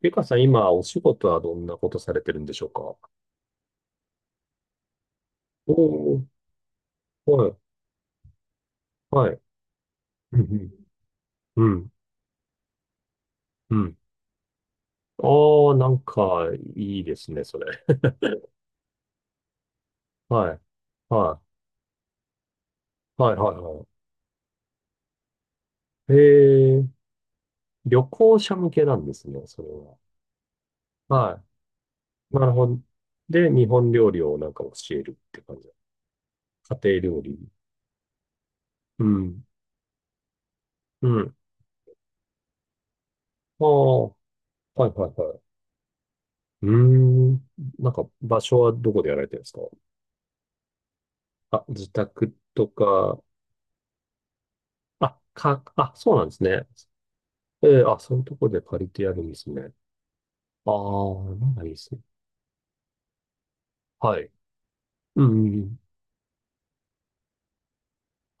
ゆかさん、今、お仕事はどんなことされてるんでしょうか？おー、はい、はい。うん。うん、うん、ああー、なんか、いいですね、それ。はい、はい、はい、はい、はい。旅行者向けなんですね、それは。はい、なるほど。で、日本料理をなんか教えるって感じ。家庭料理。うん、うん。ああ、はい、はい、はい。うーん。なんか、場所はどこでやられてるんですか？あ、自宅とか、あ、か、あ、そうなんですね。えー、あ、そういうとこで借りてやるんですね。ああ、なんかいいですね。はい。うん、うん。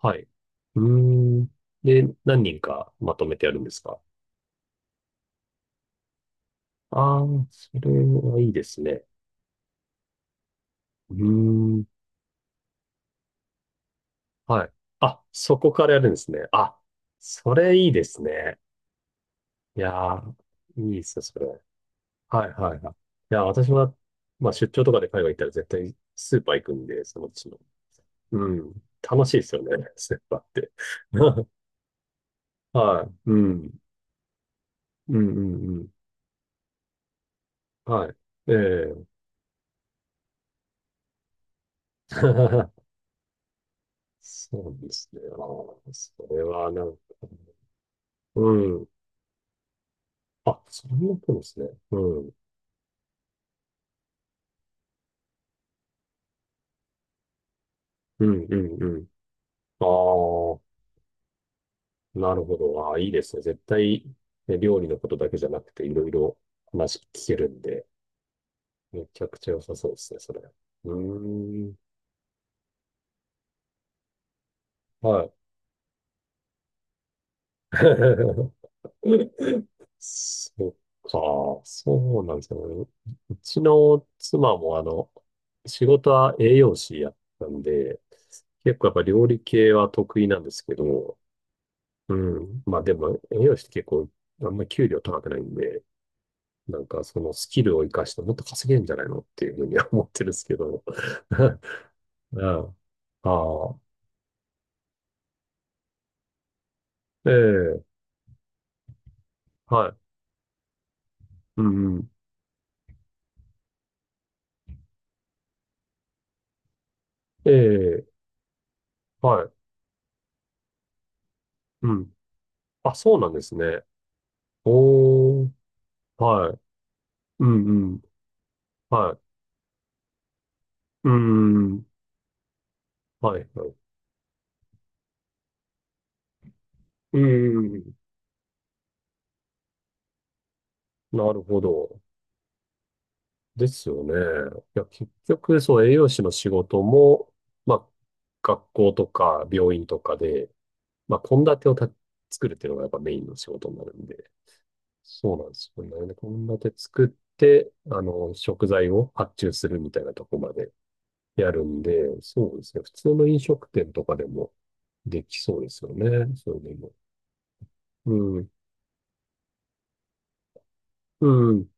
はい。うーん。で、何人かまとめてやるんですか？ああー、それはいいですね。うーん。はい。あ、そこからやるんですね。あ、それいいですね。いやー、いいですよ、それ。はい、はい、はい。いや、私は、まあ、出張とかで海外行ったら絶対スーパー行くんで、そのうちの、うん、楽しいですよね、ステッパーって。はい。うん。うん、うん、うん。はい。ええ。 そうですね。ああ、それはなんか、うん。あ、それもそうですね。うん。うん、うん、うん。ああ、なるほど。ああ、いいですね。絶対、ね、料理のことだけじゃなくて、いろいろ話聞けるんで、めちゃくちゃ良さそうですね、それ。うーん。はい。そっか、そうなんですよね。うちの妻もあの、仕事は栄養士やったんで、結構やっぱ料理系は得意なんですけど、うん。まあでも栄養士って結構あんまり給料高くないんで、なんかそのスキルを活かしてもっと稼げるんじゃないのっていうふうには思ってるんですけど。うん。ああ、ええ、はい。うんうん。ええ、はい。うん。あ、そうなんですね。おー。はい。うんうん。はい。うんうん。はい。はい。うんうん。なるほど。ですよね。いや、結局、そう、栄養士の仕事も、まあ、学校とか病院とかで、まあ、献立をた作るっていうのがやっぱメインの仕事になるんで、そうなんですよね。献立作って、あの、食材を発注するみたいなとこまでやるんで、そうですね。普通の飲食店とかでもできそうですよね。それでも。うん。うん。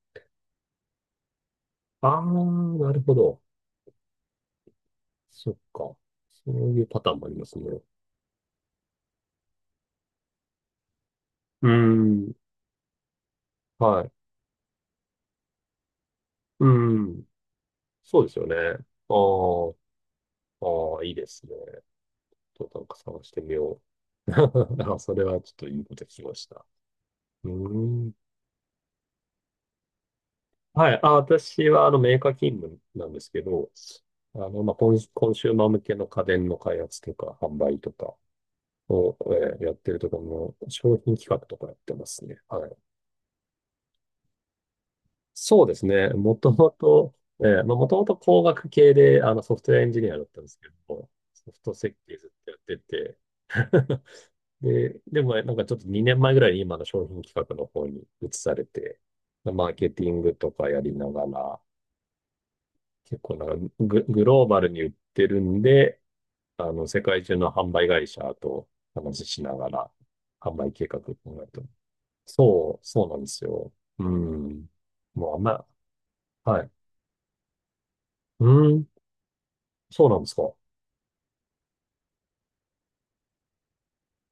ああ、なるほど。そっか。そういうパターンもありますね。うーん、はい。うーん。そうですよね。ああ、ああ、いいですね。ちょっとなんか探してみよう。あ、それはちょっといいこと聞きました。うーん。はい。あ、私はあのメーカー勤務なんですけど、あの、まあ、コン、コンシューマー向けの家電の開発とか販売とかを、やってるところの商品企画とかやってますね。はい。そうですね。もともと、ええまあ、もともと工学系であのソフトウェアエンジニアだったんですけど、ソフト設計ずっとやってて、で、でもなんかちょっと2年前ぐらいに今の商品企画の方に移されて、マーケティングとかやりながら、結構なんかグ、グローバルに売ってるんで、あの、世界中の販売会社と話ししながら、販売計画を考えて。そう、そうなんですよ。うん。もうあんま、はい。うん。そうなんですか。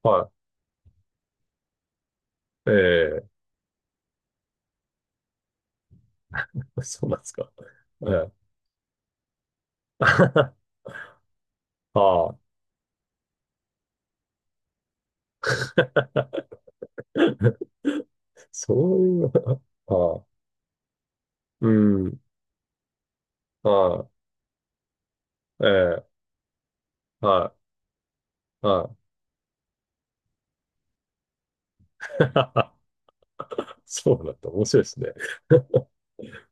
はい。ええ。 そうなんですか。ええ。 ああ。そういう、ああ。うん。はい。ええ。はい。はい。そうなんだ。面白いですね。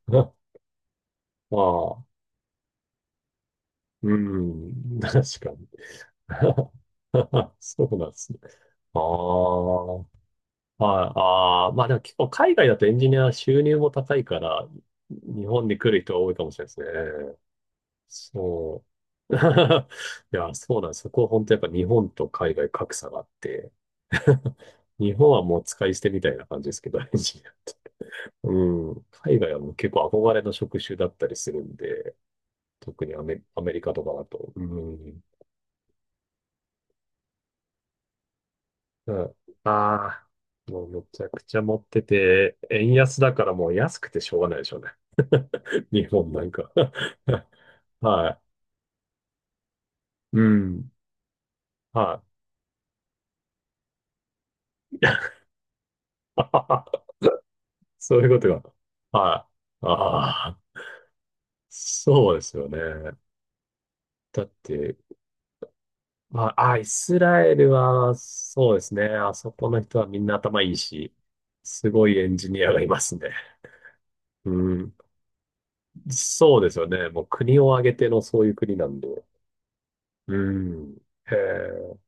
ああ。うん。確かに。そうなんですね。ああ。はい。ああ。まあでも結構海外だとエンジニア収入も高いから、日本に来る人が多いかもしれないですね。そう。いや、そうなんです。そこは本当やっぱ日本と海外格差があって、日本はもう使い捨てみたいな感じですけど、エンジニアって。うん。海外はもう結構憧れの職種だったりするんで、特にアメ、アメリカとかだと。うん。ああー、もうめちゃくちゃ持ってて、円安だからもう安くてしょうがないでしょうね。日本なんか。 はい。うん。はい。そういうことが。はい。ああ、そうですよね。だって、まあ、あ、イスラエルは、そうですね。あそこの人はみんな頭いいし、すごいエンジニアがいますね。うん。そうですよね。もう国を挙げてのそういう国なんで。うん。へえ。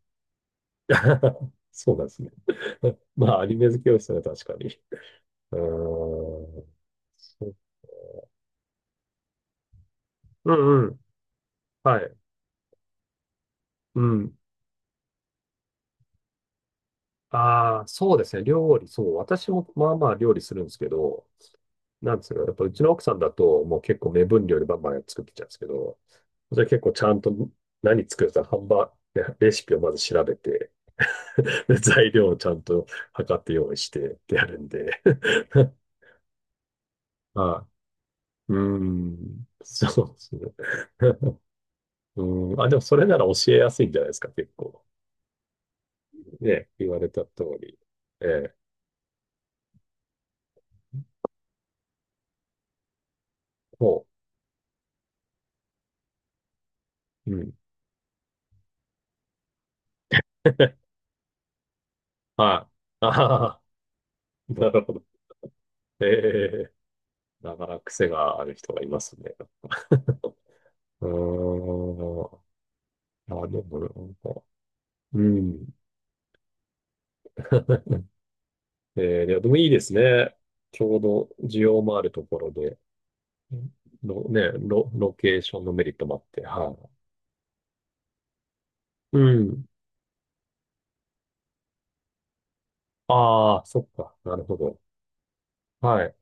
そうなんですね。まあ、アニメ好きをしたら確かに。うーん。そう。うんうん。はい。うん。ああ、そうですね。料理、そう。私もまあまあ料理するんですけど、なんですか、やっぱうちの奥さんだと、もう結構目分量でバンバン作ってきちゃうんですけど、それ結構ちゃんと何作るか、ハンバーグ、ねレシピをまず調べて、で材料をちゃんと測って用意してってやるんで。あ、うーん、そうですね。うん、あ、でもそれなら教えやすいんじゃないですか、結構。ね、言われた通り。ええ、もう、うん。はい。ああ、なるほど。ええ。なかなか癖がある人がいますね。うーん。あ、でも、なんか、うん。ええ。いやでもいいですね。ちょうど需要もあるところで、ロ、ね、ロ、ロケーションのメリットもあって、はい。うん。ああ、そっか。なるほど。はい。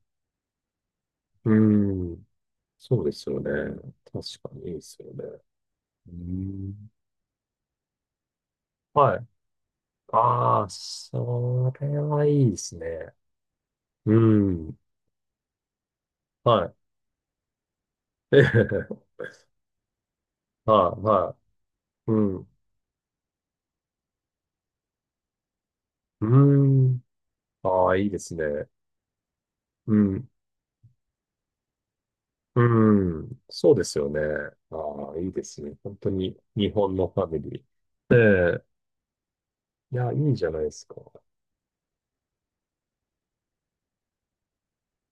うん。そうですよね。確かにいいですよね。うん。はい。ああ、それはいいですね。うん。はい。ええ、はい、はい。うん。うーん。ああ、いいですね。うん。うん。そうですよね。ああ、いいですね。本当に日本のファミリー。ええ。いや、いいんじゃないですか。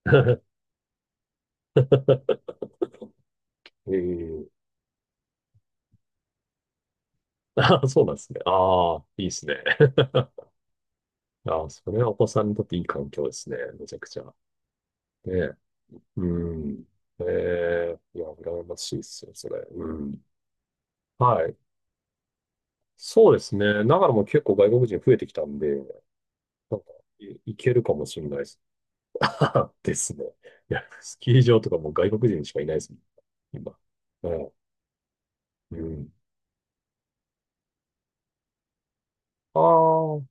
ええ。ああ、そうなんですね。ああ、いいですね。ああ、それはお子さんにとっていい環境ですね。めちゃくちゃ。ねえ。うん。ええ。いや、羨ましいですよ、それ。うん。はい。そうですね。長野も結構外国人増えてきたんで、なんか、い、いけるかもしれないです。ですね。いや、スキー場とかもう外国人しかいないですもん。今。はい。うん。あ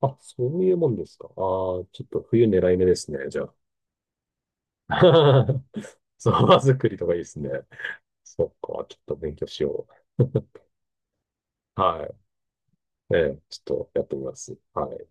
あ、あ、そういうもんですか。ああ、ちょっと冬狙い目ですね、じゃあ。そば作りとかいいですね。そっか、ちょっと勉強しよう。はい。ええ、ちょっとやってみます。はい。